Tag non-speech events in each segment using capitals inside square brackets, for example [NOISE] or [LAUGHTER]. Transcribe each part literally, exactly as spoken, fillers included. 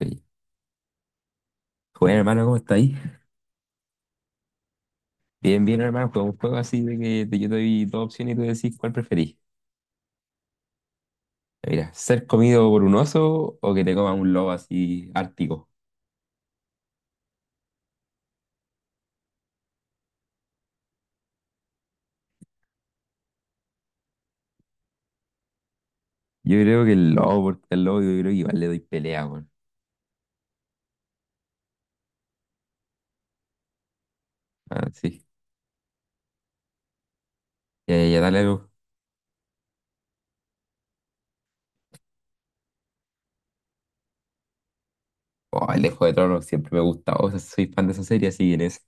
Oye. Bueno, hermano, ¿cómo está ahí? Bien, bien, hermano. Fue un juego así de que te- yo te doy dos opciones y tú decís cuál preferís. Mira, ser comido por un oso o que te coma un lobo así ártico. Yo creo que el lobo, porque el lobo yo creo que igual le doy pelea, weón. Ah, sí. Ya, ya, ya, dale algo. Oh, el de Juego de Tronos siempre me gusta. O sea, soy fan de esa serie, así que en eso.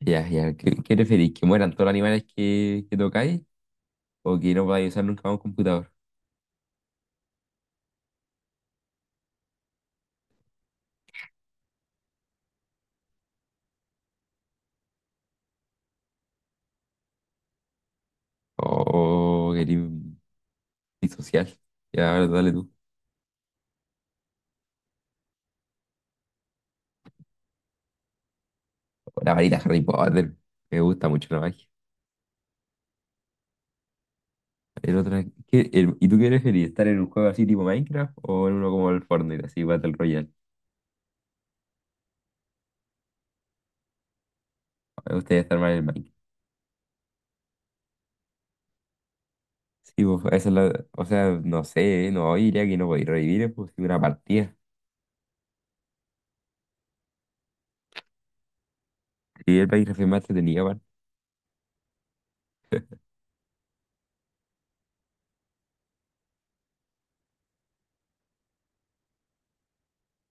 Ya, ya. ¿Qué, qué preferís? ¿Que mueran todos los animales que, que tocáis o que no podáis usar nunca más un computador? O Oh, querís un disocial. Ya, a ver, dale tú. La varita Harry Potter. Me gusta mucho la magia. El otro, es- ¿qué- el- ¿y tú qué preferirías? ¿Estar en un juego así tipo Minecraft o en uno como el Fortnite, así Battle Royale? Me gustaría estar más en el Minecraft. Sí, pues, esa es la, o sea, no sé, ¿eh? no, yo diría que no podía revivir pues, sí, una partida. Y el Minecraft es más entretenido, aparte.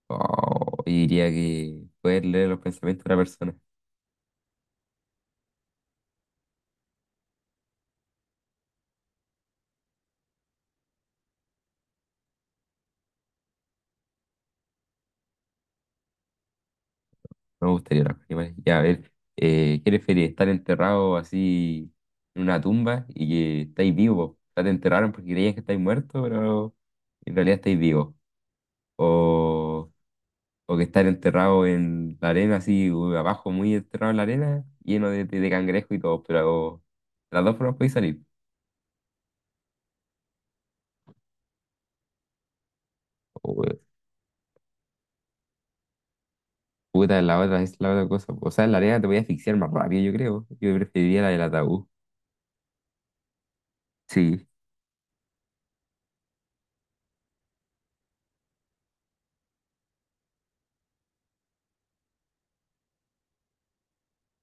Oh, y diría que poder leer los pensamientos de una persona. Me gustaría los animales. Ya, a ver, eh, ¿qué preferís? ¿Estar enterrado así en una tumba y que estáis vivos? O sea, te enterraron porque creías que estáis muerto, pero en realidad estáis vivos. O, o que estar enterrado en la arena, así u- abajo, muy enterrado en la arena, lleno de, de, de cangrejo y todo, pero de las dos formas podéis salir. O, eh, puta, la otra es la otra cosa. O sea, en la arena te voy a asfixiar más rápido, yo creo. Yo preferiría la del ataúd. Sí.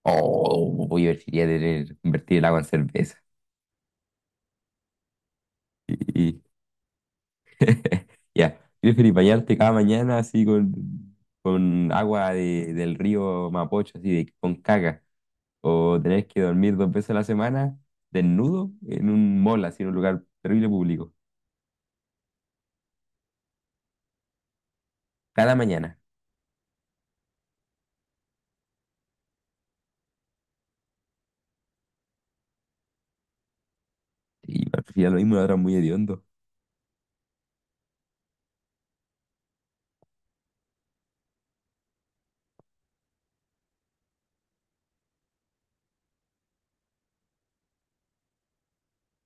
O oh, yo preferiría tener, convertir el agua en cerveza. Y, y- [LAUGHS] ya, ¿prefieres bañarte cada mañana así con, con agua de- del río Mapocho, así de- con caca? ¿O tener que dormir dos veces a la semana desnudo en un mall, así en un lugar terrible público? Cada mañana. Y prefiero lo mismo, lo otro es muy hediondo.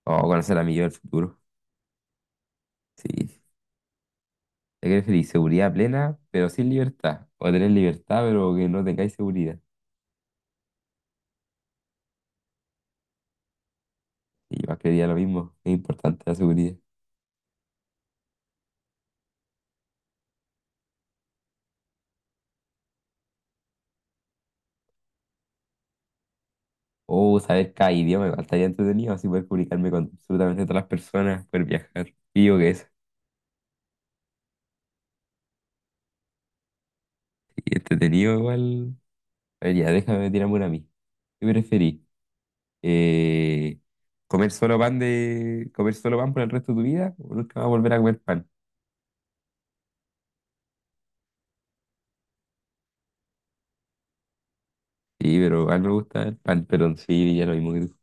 O conocer a mi yo del futuro. Sí. ¿Qué preferís? ¿Seguridad plena, pero sin libertad? ¿O tener libertad, pero que no tengáis seguridad? Y yo creería lo mismo, es importante la seguridad. O saber cada idioma, igual estaría entretenido, así poder comunicarme con absolutamente todas las personas, poder viajar. Y yo que eso, y entretenido igual. A ver, ya, déjame tirarme una a mí. ¿Qué preferís? Eh, ¿comer solo pan de, comer solo pan por el resto de tu vida? ¿O nunca vas a volver a comer pan? Sí, pero a mí me gusta el pan, pero sí, ya lo mismo que tú.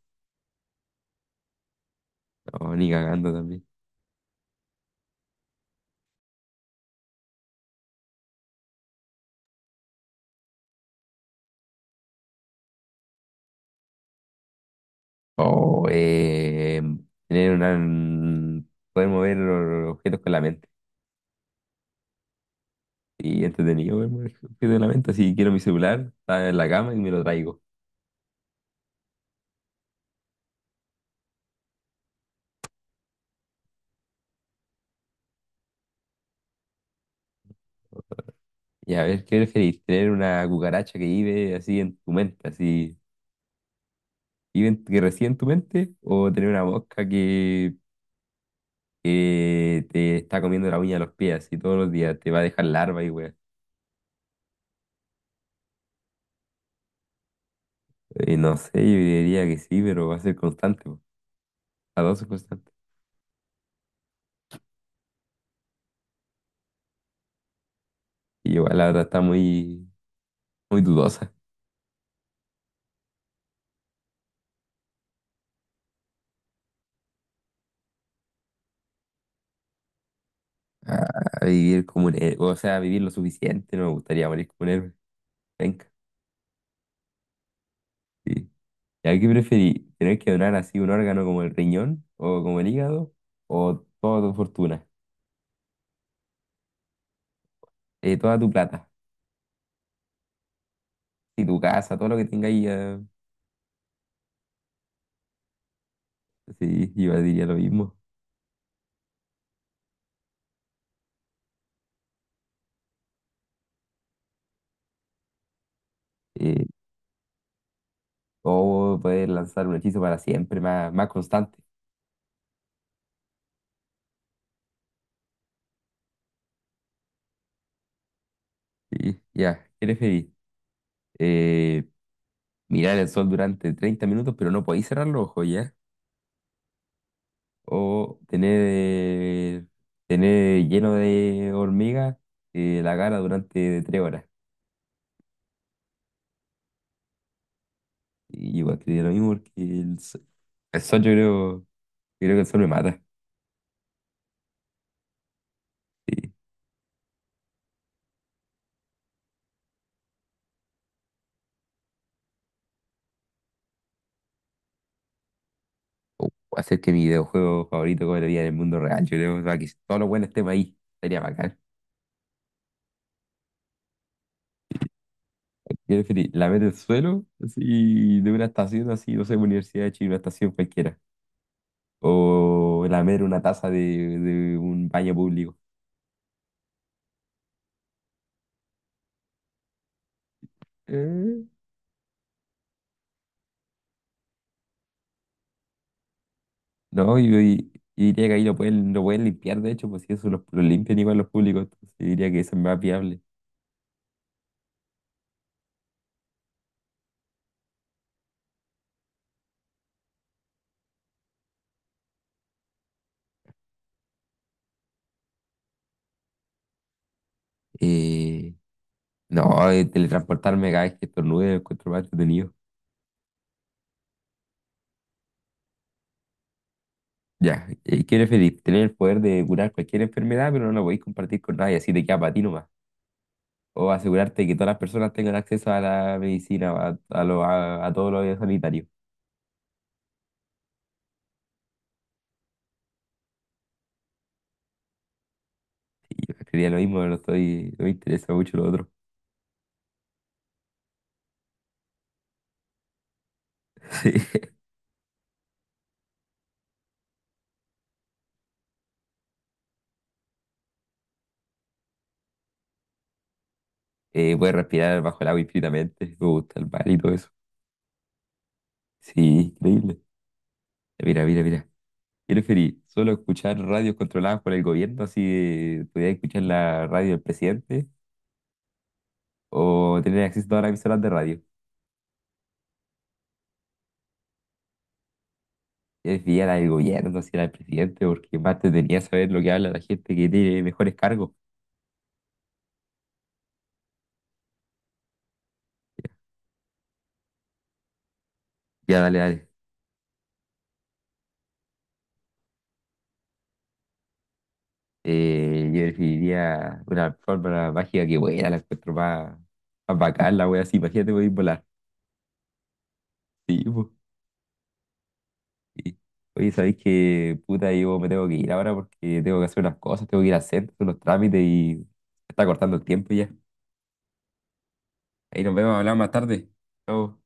No, ni cagando también. O eh, tener una, poder mover los objetos con la mente. Y entretenido ver muñequitos la mente. Si quiero mi celular, está en la cama y me lo traigo. Y a ver, ¿qué preferís? ¿Tener una cucaracha que vive así en tu mente, así, vive en- que reside en tu mente? ¿O tener una mosca que, que te está comiendo la uña de los pies, así todos los días? Te va a dejar larva y weá. Eh, no sé, yo diría que sí, pero va a ser constante. po. Las dos son constantes. Y igual la otra está muy, muy dudosa. Ah, vivir como un héroe, o sea, vivir lo suficiente, no me gustaría morir como un héroe. Venga, sí. ¿Y a qué preferí? ¿Tener que donar así un órgano como el riñón o como el hígado o toda tu fortuna? Eh, toda tu plata, y tu casa, todo lo que tengas ahí, eh, sí, yo diría lo mismo. Eh, o poder lanzar un hechizo para siempre, más, más constante. Sí, ya, ¿qué preferís? Eh, mirar el sol durante treinta minutos, pero no podéis cerrar los ojos, ¿ya? O tener, eh, tener lleno de hormigas eh, la cara durante tres horas. Y igual que lo mismo porque el, s- El sol yo creo, yo creo, que el sol me mata. Sí. O hacer que mi videojuego favorito cobre vida en el mundo real. Yo creo, o sea, que todos los buenos estemos ahí. Sería bacán. Yo preferí la meta el suelo, así, de una estación así, no sé, Universidad de Chile, una estación cualquiera. O lamer una taza de, de un baño público. Eh. No, y, y- y diría que ahí lo pueden, lo pueden limpiar, de hecho, pues si eso lo, lo limpian igual los públicos, entonces diría que eso es más viable. Eh, no, eh, teletransportarme cada vez que estornude lo encuentro más entretenido. Ya, ¿y qué preferís? ¿Tener el poder de curar cualquier enfermedad, pero no lo podéis compartir con nadie, así te queda para ti nomás? ¿O asegurarte que todas las personas tengan acceso a la medicina, a, a, lo- a, a todo lo sanitario? Yo escribiría lo mismo, pero no estoy, no me interesa mucho lo otro. [LAUGHS] Sí. Eh, puedes respirar bajo el agua infinitamente, me gusta el mar y todo eso. Sí, increíble. Mira, mira, mira. ¿Qué preferís? ¿Solo escuchar radios controladas por el gobierno, así de- pudieras escuchar la radio del presidente? ¿O tener acceso a todas las emisoras de radio? Es bien al gobierno, si era el presidente, porque más te tenía saber lo que habla la gente que tiene mejores cargos. Ya, dale, dale. Eh, yo definiría una forma mágica que buena, la encuentro más, más bacán, la wea así, imagínate podéis volar. Sí, po. Sí. Oye, ¿sabéis que puta? Yo me tengo que ir ahora porque tengo que hacer unas cosas, tengo que ir a hacer unos trámites y se está cortando el tiempo ya. Ahí nos vemos, hablamos más tarde. Chao.